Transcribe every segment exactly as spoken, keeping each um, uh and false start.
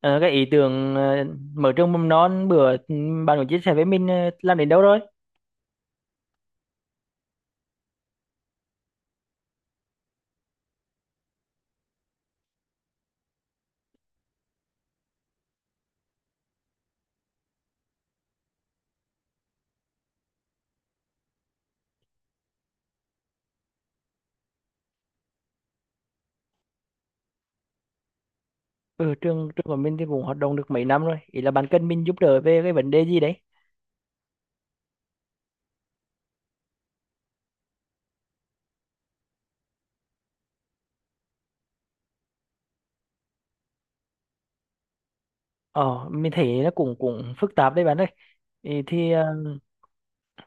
Ờ, cái ý tưởng ờ, mở trường mầm non bữa ừ, bạn có chia sẻ với mình ờ, làm đến đâu rồi? Ừ, trường trường của mình thì cũng hoạt động được mấy năm rồi. Ý là bạn cần mình giúp đỡ về cái vấn đề gì đấy? Ờ, mình thấy nó cũng cũng phức tạp đấy bạn ơi. Ý thì ờ,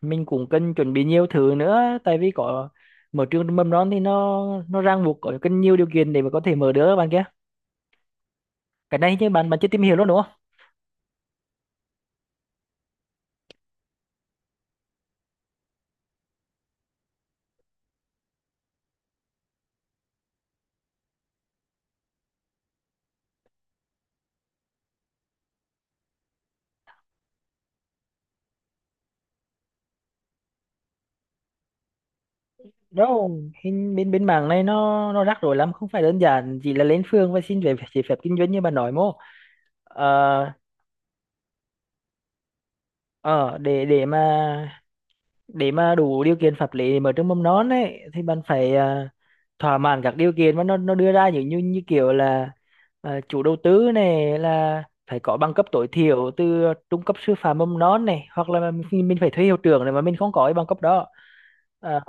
mình cũng cần chuẩn bị nhiều thứ nữa, tại vì có mở trường mầm non thì nó nó ràng buộc, có cần nhiều điều kiện để mà có thể mở được bạn kia. Cái này chứ bạn bạn chưa tìm hiểu luôn đúng không? Đâu, hình bên bên mảng này nó nó rắc rối lắm, không phải đơn giản chỉ là lên phường và xin về giấy phép kinh doanh như bạn nói mô. ờ ờ, để để mà để mà đủ điều kiện pháp lý để mở trường mầm non ấy thì bạn phải ờ, thỏa mãn các điều kiện mà nó nó đưa ra, như như như kiểu là ờ, chủ đầu tư này là phải có bằng cấp tối thiểu từ trung cấp sư phạm mầm non này, hoặc là mình, mình phải thuê hiệu trưởng này mà mình không có cái bằng cấp đó. Ờ,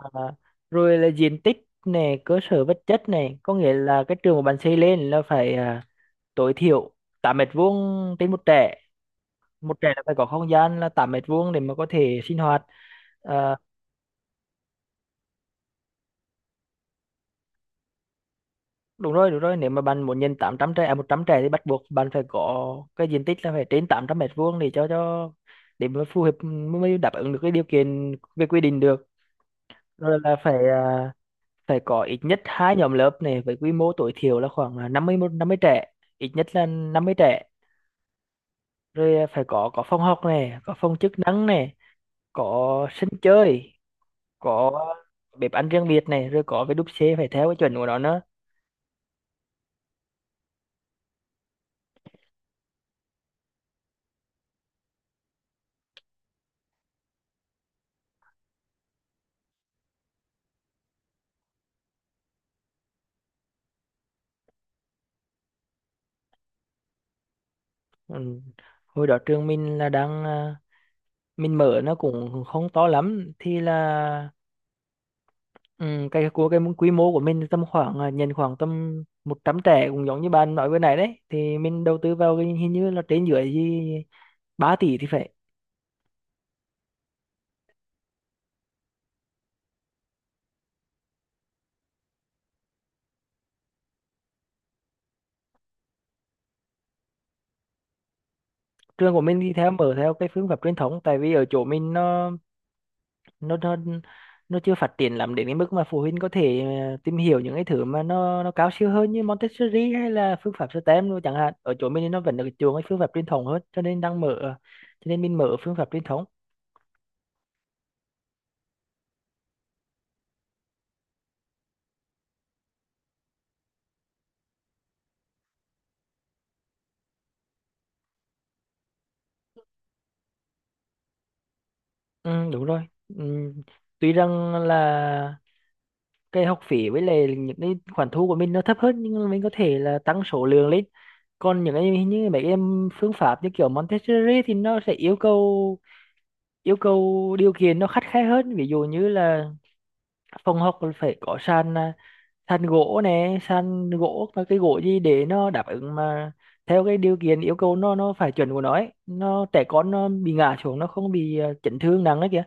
Rồi là diện tích này, cơ sở vật chất này, có nghĩa là cái trường của bạn xây lên là phải ờ, tối thiểu tám mét vuông trên một trẻ. Một trẻ là phải có không gian là tám mét vuông để mà có thể sinh hoạt. Ờ, Đúng rồi, đúng rồi, nếu mà bạn muốn nhận tám trăm trẻ, à, một trăm trẻ, thì bắt buộc bạn phải có cái diện tích là phải trên tám trăm mét vuông để cho cho để mà phù hợp, mới đáp ứng được cái điều kiện về quy định được. Rồi là phải à, phải có ít nhất hai nhóm lớp này với quy mô tối thiểu là khoảng là năm mươi một- năm mươi trẻ, ít nhất là năm mươi trẻ. Rồi à, phải có có phòng học này, có phòng chức năng này, có sân chơi, có bếp ăn riêng biệt này, rồi có cái đúc xê phải theo cái chuẩn của nó nữa. ừ. Hồi đó trường mình là đang à, mình mở nó cũng không to lắm thì là ừ, cái của cái quy mô của mình tầm khoảng, à, nhận khoảng tầm một trăm trẻ, cũng giống như bạn nói vừa nãy đấy, thì mình đầu tư vào cái hình như là trên dưới gì ba tỷ thì phải. Trường của mình đi theo, mở theo cái phương pháp truyền thống, tại vì ở chỗ mình nó nó nó nó chưa phát triển lắm đến cái mức mà phụ huynh có thể ờ, tìm hiểu những cái thứ mà nó nó cao siêu hơn như Montessori hay là phương pháp stem luôn chẳng hạn. Ở chỗ mình thì nó vẫn được chuộng cái phương pháp truyền thống hơn, cho nên đang mở, cho nên mình mở phương pháp truyền thống. Ừ, đúng rồi. ừ. Tuy rằng là cái học phí với lại những cái khoản thu của mình nó thấp hơn, nhưng mà mình có thể là tăng số lượng lên. Còn những cái như mấy cái em phương pháp như kiểu Montessori thì nó sẽ yêu cầu yêu cầu điều kiện nó khắt khe hơn, ví dụ như là phòng học là phải có sàn, à, sàn gỗ nè, sàn gỗ và cái gỗ gì để nó đáp ứng mà theo cái điều kiện yêu cầu, nó nó phải chuẩn của nó ấy. Nó trẻ con nó bị ngã xuống nó không bị à, chấn thương nặng đấy kìa.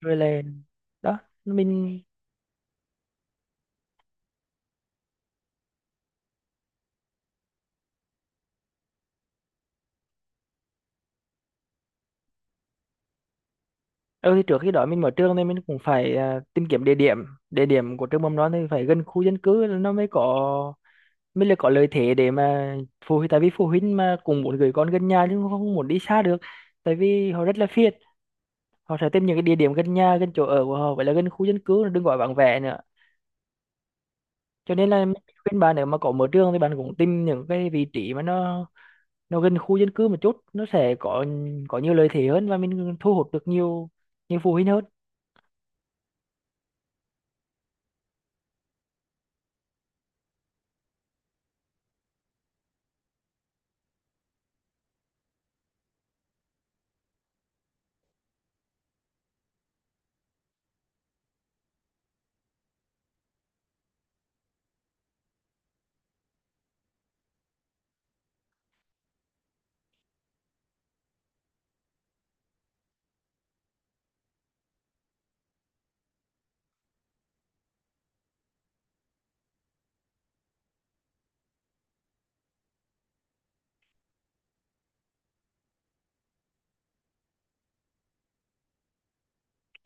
Rồi là đó mình. ừ thì trước khi đó mình mở trường nên mình cũng phải à, tìm kiếm địa điểm. Địa điểm của trường mầm non thì phải gần khu dân cư nó mới có, mới là có lợi thế để mà phụ huynh, tại vì phụ huynh mà cũng muốn gửi con gần nhà, nhưng không muốn đi xa được, tại vì họ rất là phiền. Họ sẽ tìm những cái địa điểm gần nhà, gần chỗ ở của họ, vậy là gần khu dân cư, đừng gọi vắng vẻ nữa. Cho nên là mình khuyên bạn, nếu mà có mở trường thì bạn cũng tìm những cái vị trí mà nó nó gần khu dân cư một chút, nó sẽ có có nhiều lợi thế hơn, và mình thu hút được nhiều nhiều phụ huynh hơn.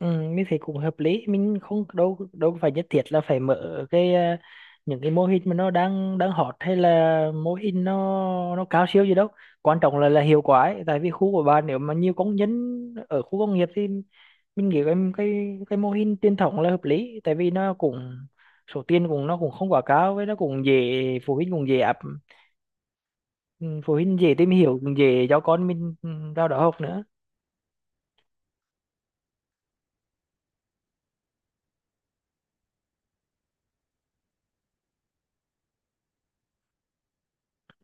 Ừ, như thế cũng hợp lý, mình không đâu đâu phải nhất thiết là phải mở cái, à, những cái mô hình mà nó đang đang hot, hay là mô hình nó nó cao siêu gì đâu, quan trọng là là hiệu quả ấy. Tại vì khu của bạn nếu mà nhiều công nhân ở khu công nghiệp thì mình nghĩ cái cái cái mô hình truyền thống là hợp lý, tại vì nó cũng, số tiền cũng, nó cũng không quá cao, với nó cũng dễ, phụ huynh cũng dễ áp, ừ, phụ huynh dễ tìm hiểu, cũng dễ cho con mình ừ, vào đó học nữa.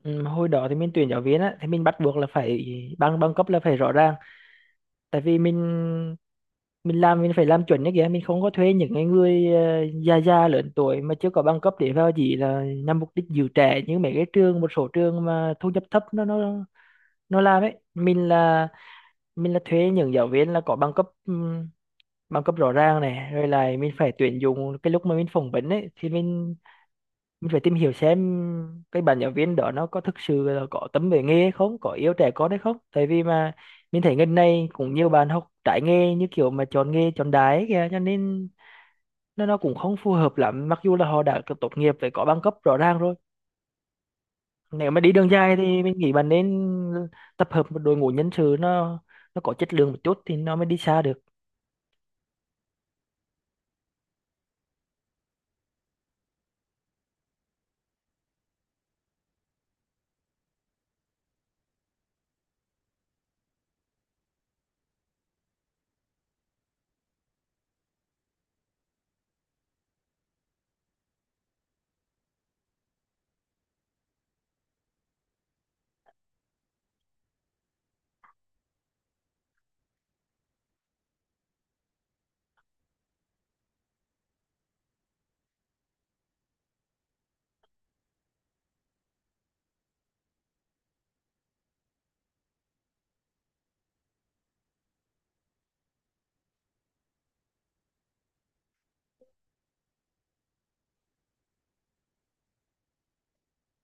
Ừ, mà hồi đó thì mình tuyển giáo viên á, thì mình bắt buộc là phải bằng bằng cấp là phải rõ ràng, tại vì mình mình làm, mình phải làm chuẩn như kìa, mình không có thuê những cái người ờ, già già lớn tuổi mà chưa có bằng cấp để vào chỉ là nhằm mục đích giữ trẻ, như mấy cái trường, một số trường mà thu nhập thấp nó nó nó làm ấy. Mình là mình là thuê những giáo viên là có bằng cấp, ừm, bằng cấp rõ ràng này. Rồi lại mình phải tuyển dụng, cái lúc mà mình phỏng vấn ấy thì mình mình phải tìm hiểu xem cái bạn giáo viên đó nó có thực sự là có tấm về nghề hay không, có yêu trẻ con hay không, tại vì mà mình thấy gần này cũng nhiều bạn học trái nghề, như kiểu mà chọn nghề chọn đái ấy kìa, cho nên nó nó cũng không phù hợp lắm, mặc dù là họ đã có tốt nghiệp với có bằng cấp rõ ràng rồi. Nếu mà đi đường dài thì mình nghĩ bạn nên tập hợp một đội ngũ nhân sự, nó nó có chất lượng một chút thì nó mới đi xa được.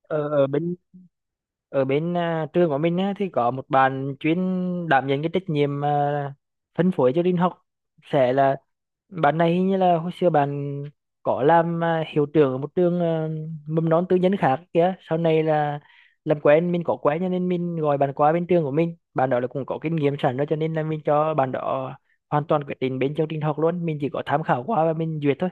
ở, ở bên Ở bên à, trường của mình á, thì có một bạn chuyên đảm nhận cái trách nhiệm, à, phân phối cho Linh học sẽ là bạn này. Hình như là hồi xưa bạn có làm, à, hiệu trưởng ở một trường à, mầm non tư nhân khác kìa, sau này là làm quen, mình có quen, cho nên mình gọi bạn qua bên trường của mình. Bạn đó là cũng có kinh nghiệm sẵn rồi, cho nên là mình cho bạn đó hoàn toàn quyết định bên chương trình học luôn, mình chỉ có tham khảo qua và mình duyệt thôi.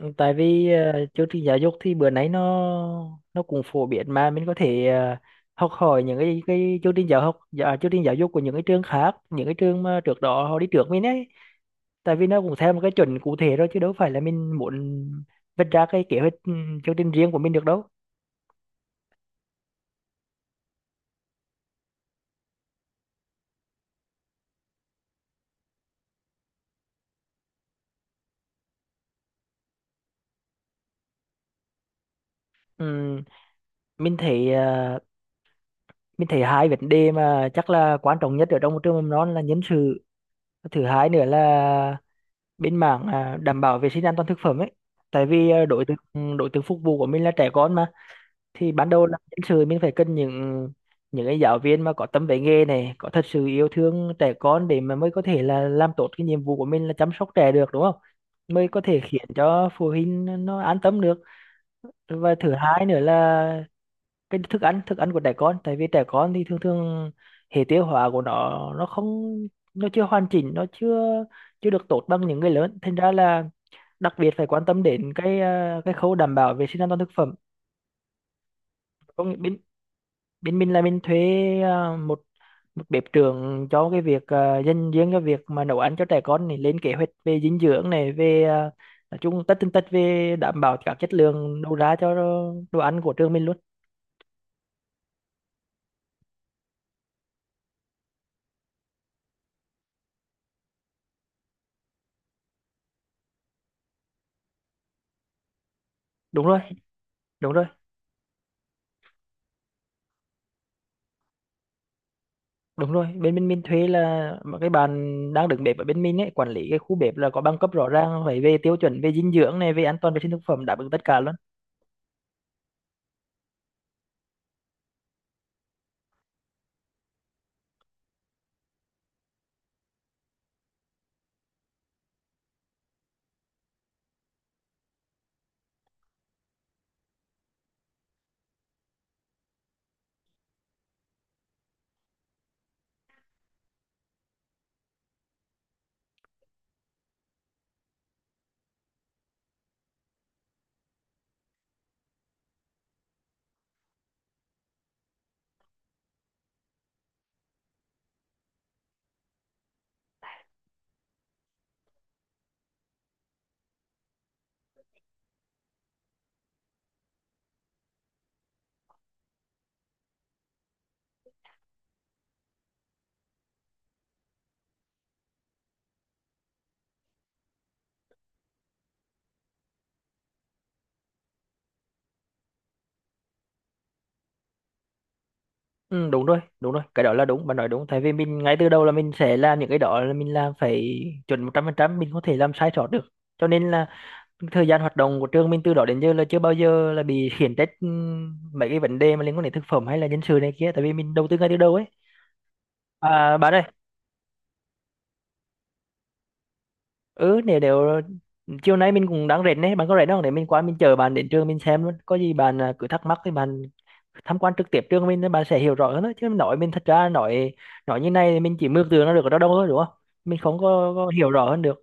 Ừ, tại vì ờ, chương trình giáo dục thì bữa nay nó nó cũng phổ biến, mà mình có thể ờ, học hỏi những cái cái chương trình giáo học dạ, chương trình giáo dục của những cái trường khác, những cái trường mà trước đó họ đi trước mình ấy, tại vì nó cũng theo một cái chuẩn cụ thể rồi, chứ đâu phải là mình muốn vạch ra cái kế hoạch, ừ, chương trình riêng của mình được đâu. Ừm, mình thấy ờ, mình thấy hai vấn đề mà chắc là quan trọng nhất ở trong một trường mầm non là nhân sự, thứ hai nữa là bên mảng, à, đảm bảo vệ sinh an toàn thực phẩm ấy, tại vì à, đối tượng, ừ, đối tượng phục vụ của mình là trẻ con mà. Thì ban đầu là nhân sự, mình phải cần những những cái giáo viên mà có tâm với nghề này, có thật sự yêu thương trẻ con, để mà mới có thể là làm tốt cái nhiệm vụ của mình là chăm sóc trẻ được đúng không, mới có thể khiến cho phụ huynh nó an tâm được. Và thứ hai nữa là cái thức ăn thức ăn của trẻ con, tại vì trẻ con thì thường thường hệ tiêu hóa của nó nó không, nó chưa hoàn chỉnh, nó chưa chưa được tốt bằng những người lớn, thành ra là đặc biệt phải quan tâm đến cái ờ, cái khâu đảm bảo vệ sinh an toàn thực phẩm. Có nghĩa bên bên mình là mình thuê ờ, một một bếp trưởng cho cái việc, ờ, dành riêng cho việc mà nấu ăn cho trẻ con này, lên kế hoạch về dinh dưỡng này, về ờ, nói chung tất tần tật về đảm bảo các chất lượng đầu ra cho đồ ăn của trường mình luôn. Đúng rồi, đúng rồi, đúng rồi. Bên bên mình thuê là mà cái bạn đang đứng bếp ở bên mình ấy, quản lý cái khu bếp, là có bằng cấp rõ ràng, phải về tiêu chuẩn về dinh dưỡng này, về an toàn vệ sinh thực phẩm, đáp ứng tất cả. Ừ, đúng rồi, đúng rồi, cái đó là đúng, bạn nói đúng, tại vì mình ngay từ đầu là mình sẽ làm những cái đó, là mình làm phải chuẩn một trăm phần trăm, mình không thể làm sai sót được. Cho nên là thời gian hoạt động của trường mình từ đó đến giờ là chưa bao giờ là bị khiển trách ừm, mấy cái vấn đề mà liên quan đến thực phẩm hay là nhân sự này kia, tại vì mình đầu tư ngay từ đầu ấy. À, bạn ơi, ừ nếu nếu chiều nay mình cũng đang rảnh đấy, bạn có rảnh không để mình qua, mình chờ bạn đến trường mình xem luôn, có gì bạn à, cứ thắc mắc thì bạn tham quan trực tiếp trường mình, bạn sẽ hiểu rõ hơn đó. Chứ nói mình thật ra, nói nói như này thì mình chỉ mường tượng nó được ở đâu đâu thôi đúng không, mình không có, có hiểu rõ hơn được.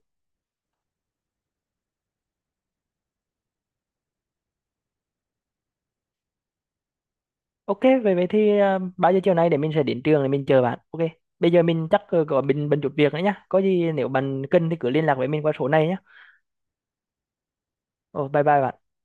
OK, vậy vậy thì à, bao giờ chiều nay để mình sẽ đến trường để mình chờ bạn. OK, bây giờ mình chắc ờ, có bình bận chút việc nữa nhá, có gì nếu bạn cần thì cứ liên lạc với mình qua số này nhá. Ồ, bye bye bạn.